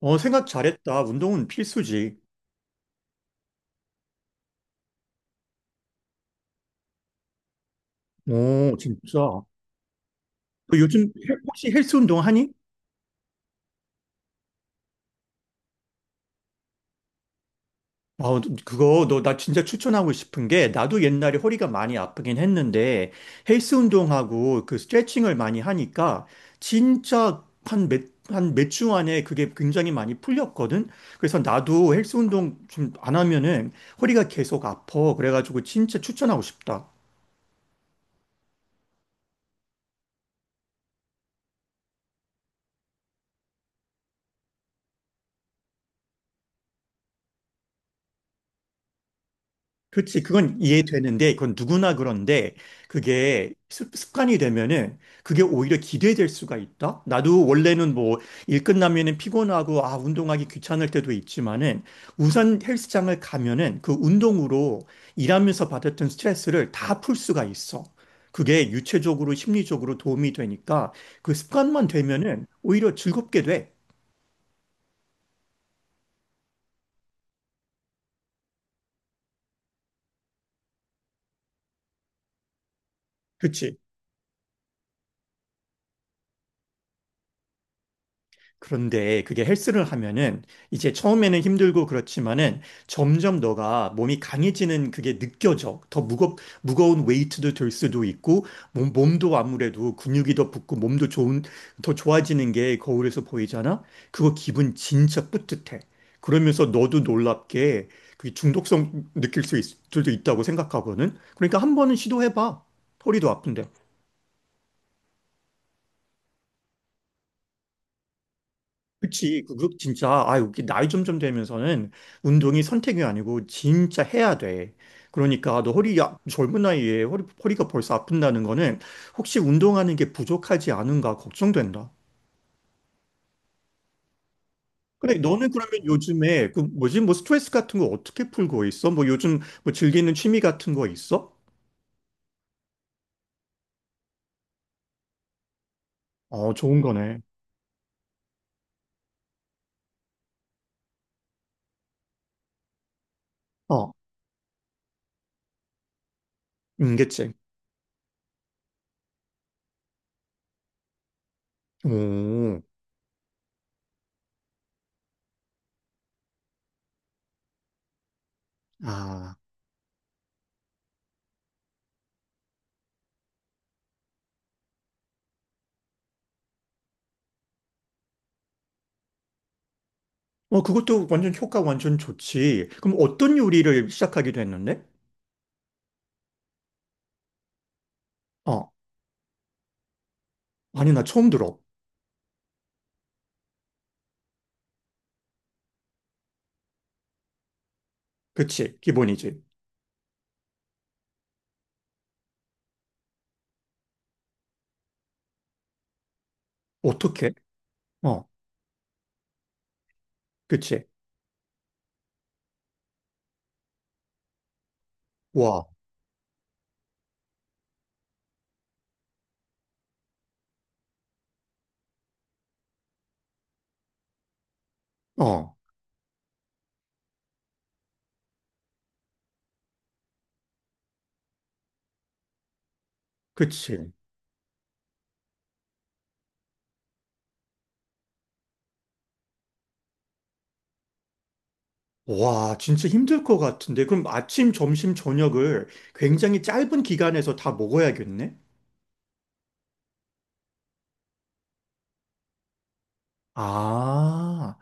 어, 생각 잘했다. 운동은 필수지. 오, 진짜. 너 요즘 혹시 헬스 운동 하니? 아, 그거 너 나 진짜 추천하고 싶은 게 나도 옛날에 허리가 많이 아프긴 했는데 헬스 운동하고 그 스트레칭을 많이 하니까 진짜 한 몇 주 안에 그게 굉장히 많이 풀렸거든. 그래서 나도 헬스 운동 좀 안 하면은 허리가 계속 아파. 그래가지고 진짜 추천하고 싶다. 그렇지. 그건 이해되는데, 그건 누구나 그런데, 그게 습관이 되면은, 그게 오히려 기대될 수가 있다? 나도 원래는 뭐, 일 끝나면은 피곤하고, 아, 운동하기 귀찮을 때도 있지만은, 우선 헬스장을 가면은, 그 운동으로 일하면서 받았던 스트레스를 다 풀 수가 있어. 그게 유체적으로, 심리적으로 도움이 되니까, 그 습관만 되면은, 오히려 즐겁게 돼. 그렇지. 그런데 그게 헬스를 하면은 이제 처음에는 힘들고 그렇지만은 점점 너가 몸이 강해지는 그게 느껴져. 무거운 웨이트도 들 수도 있고 몸도 아무래도 근육이 더 붙고 몸도 더 좋아지는 게 거울에서 보이잖아? 그거 기분 진짜 뿌듯해. 그러면서 너도 놀랍게 그 중독성 수도 있다고 생각하거든. 그러니까 한 번은 시도해봐. 허리도 아픈데. 그치. 진짜, 아, 여기 나이 점점 되면서는 운동이 선택이 아니고 진짜 해야 돼. 그러니까 너 허리, 야, 젊은 나이에 허리가 벌써 아픈다는 거는 혹시 운동하는 게 부족하지 않은가 걱정된다. 그래, 너는 그러면 요즘에 그 뭐지, 뭐 스트레스 같은 거 어떻게 풀고 있어? 뭐 요즘 뭐 즐기는 취미 같은 거 있어? 어, 좋은 거네. 어, 임계책. 오, 아. 어, 그것도 완전 효과 완전 좋지. 그럼 어떤 요리를 시작하게 됐는데? 아니, 나 처음 들어. 그치, 기본이지. 어떻게? 어, 그치. 와, 어, 그치. 와, 진짜 힘들 것 같은데. 그럼 아침, 점심, 저녁을 굉장히 짧은 기간에서 다 먹어야겠네? 아,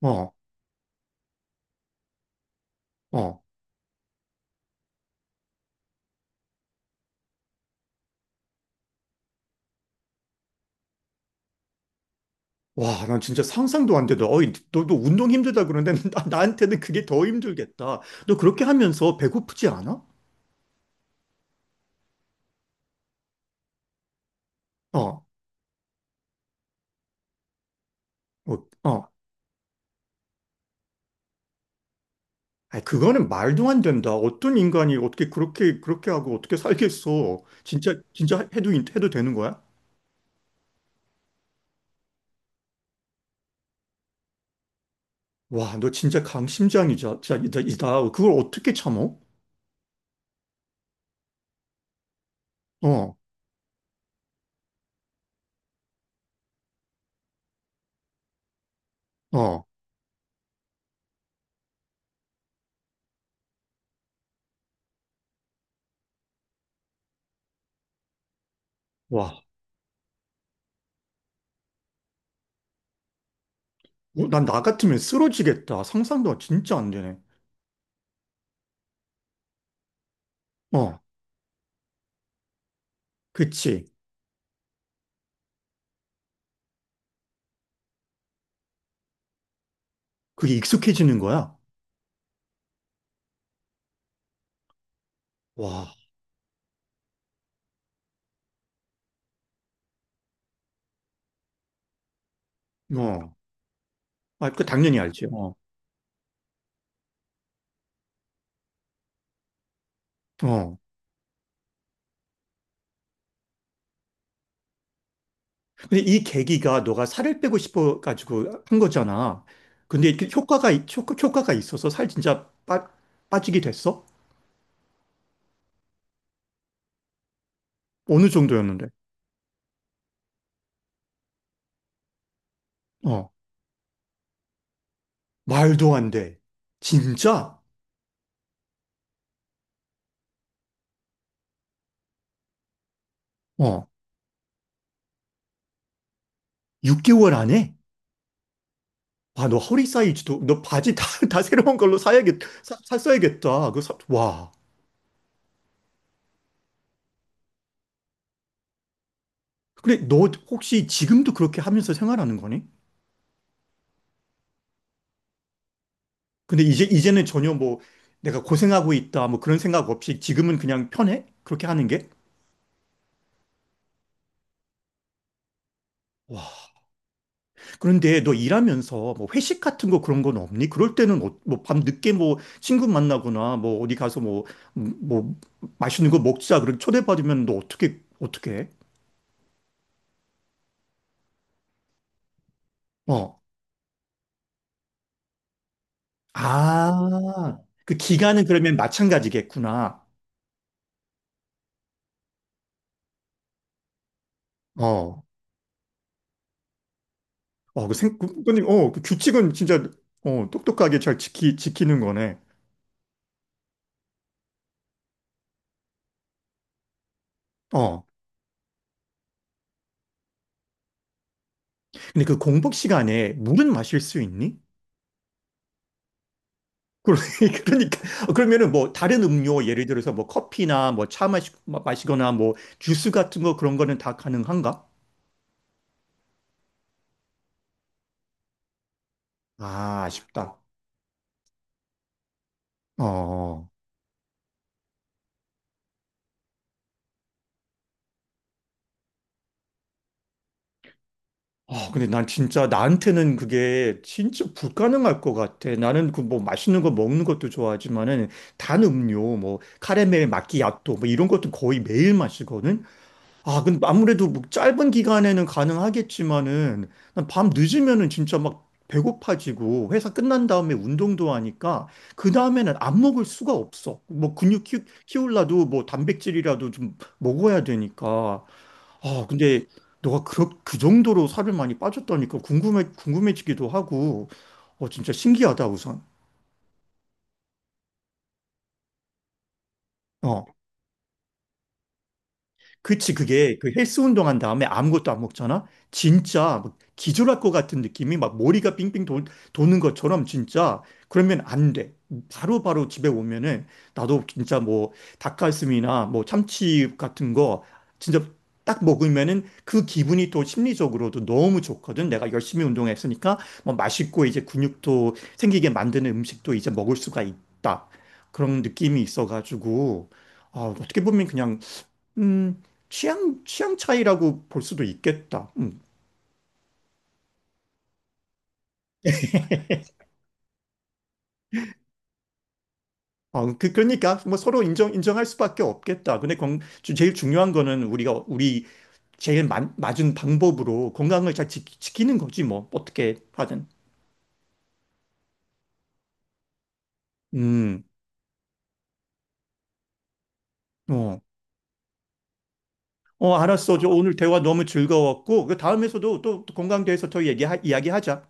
어, 어. 와, 난 진짜 상상도 안 되다. 어이, 너도 운동 힘들다 그러는데 나한테는 그게 더 힘들겠다. 너 그렇게 하면서 배고프지 않아? 어, 어, 어. 아니, 그거는 말도 안 된다. 어떤 인간이 어떻게 그렇게 하고 어떻게 살겠어. 진짜 해도, 해도 되는 거야? 와, 너 진짜 이다. 이다. 그걸 어떻게 참어? 어, 어, 와. 어, 난나 같으면 쓰러지겠다. 상상도 진짜 안 되네. 어, 그치. 그게 익숙해지는 거야? 와, 어. 아, 그 당연히 알지. 어, 어. 근데 이 계기가 너가 살을 빼고 싶어 가지고 한 거잖아. 근데 이렇게 효과가 있어서 빠지게 됐어? 어느 정도였는데? 어. 말도 안 돼. 진짜? 어. 6개월 안에? 와, 너 허리 사이즈도 너 바지 다, 다 새로운 걸로 사야겠 사, 샀어야겠다. 와. 근데 너 혹시 지금도 그렇게 하면서 생활하는 거니? 근데 이제는 전혀 뭐 내가 고생하고 있다 뭐 그런 생각 없이 지금은 그냥 편해? 그렇게 하는 게? 그런데 너 일하면서 뭐 회식 같은 거 그런 건 없니? 그럴 때는 어, 뭐, 밤 늦게 뭐 친구 만나거나 뭐 어디 가서 뭐, 뭐 맛있는 거 먹자. 그렇게 초대받으면 너 어떻게 해? 어. 아, 그 기간은 그러면 마찬가지겠구나. 어. 어, 어, 그 규칙은 진짜, 어, 똑똑하게 잘 지키는 거네. 어. 근데 그 공복 시간에 물은 마실 수 있니? 그러- 그러니까 그러면은 뭐 다른 음료 예를 들어서 뭐 커피나 뭐 차 거나뭐 주스 같은 거 그런 거는 다 가능한가? 아, 아쉽다. 어. 아, 근데 난 진짜 나한테는 그게 진짜 불가능할 것 같아. 나는 그 뭐 맛있는 거 먹는 것도 좋아하지만은 단 음료 뭐 카라멜 마끼아또 뭐 이런 것도 거의 매일 마시거든. 아, 근데 아무래도 뭐 짧은 기간에는 가능하겠지만은 난 밤 늦으면은 진짜 막 배고파지고 회사 끝난 다음에 운동도 하니까 그 다음에는 안 먹을 수가 없어. 뭐 키울라도 뭐 단백질이라도 좀 먹어야 되니까. 아, 근데 너가 그 정도로 살을 많이 빠졌다니까 궁금해지기도 하고 어 진짜 신기하다 우선. 어. 그치, 그게 그 헬스 운동한 다음에 아무것도 안 먹잖아? 진짜 막 기절할 것 같은 느낌이 막 도는 것처럼 진짜 그러면 안 돼. 바로바로 바로 집에 오면은 나도 진짜 뭐 닭가슴이나 뭐 참치 같은 거 진짜 딱 먹으면은 그 기분이 또 심리적으로도 너무 좋거든. 내가 열심히 운동했으니까 뭐 맛있고 이제 근육도 생기게 만드는 음식도 이제 먹을 수가 있다. 그런 느낌이 있어가지고 아, 어떻게 보면 그냥 음, 취향 차이라고 볼 수도 있겠다. 음. 어, 그러니까 뭐 서로 인정할 수밖에 없겠다. 근데 제일 중요한 거는 우리가 우리 맞은 방법으로 건강을 잘 키는 거지 뭐 어떻게 하든. 음, 어, 어, 알았어. 저 오늘 대화 너무 즐거웠고 그 다음에서도 또 건강 대해서 더 얘기 이야기하자.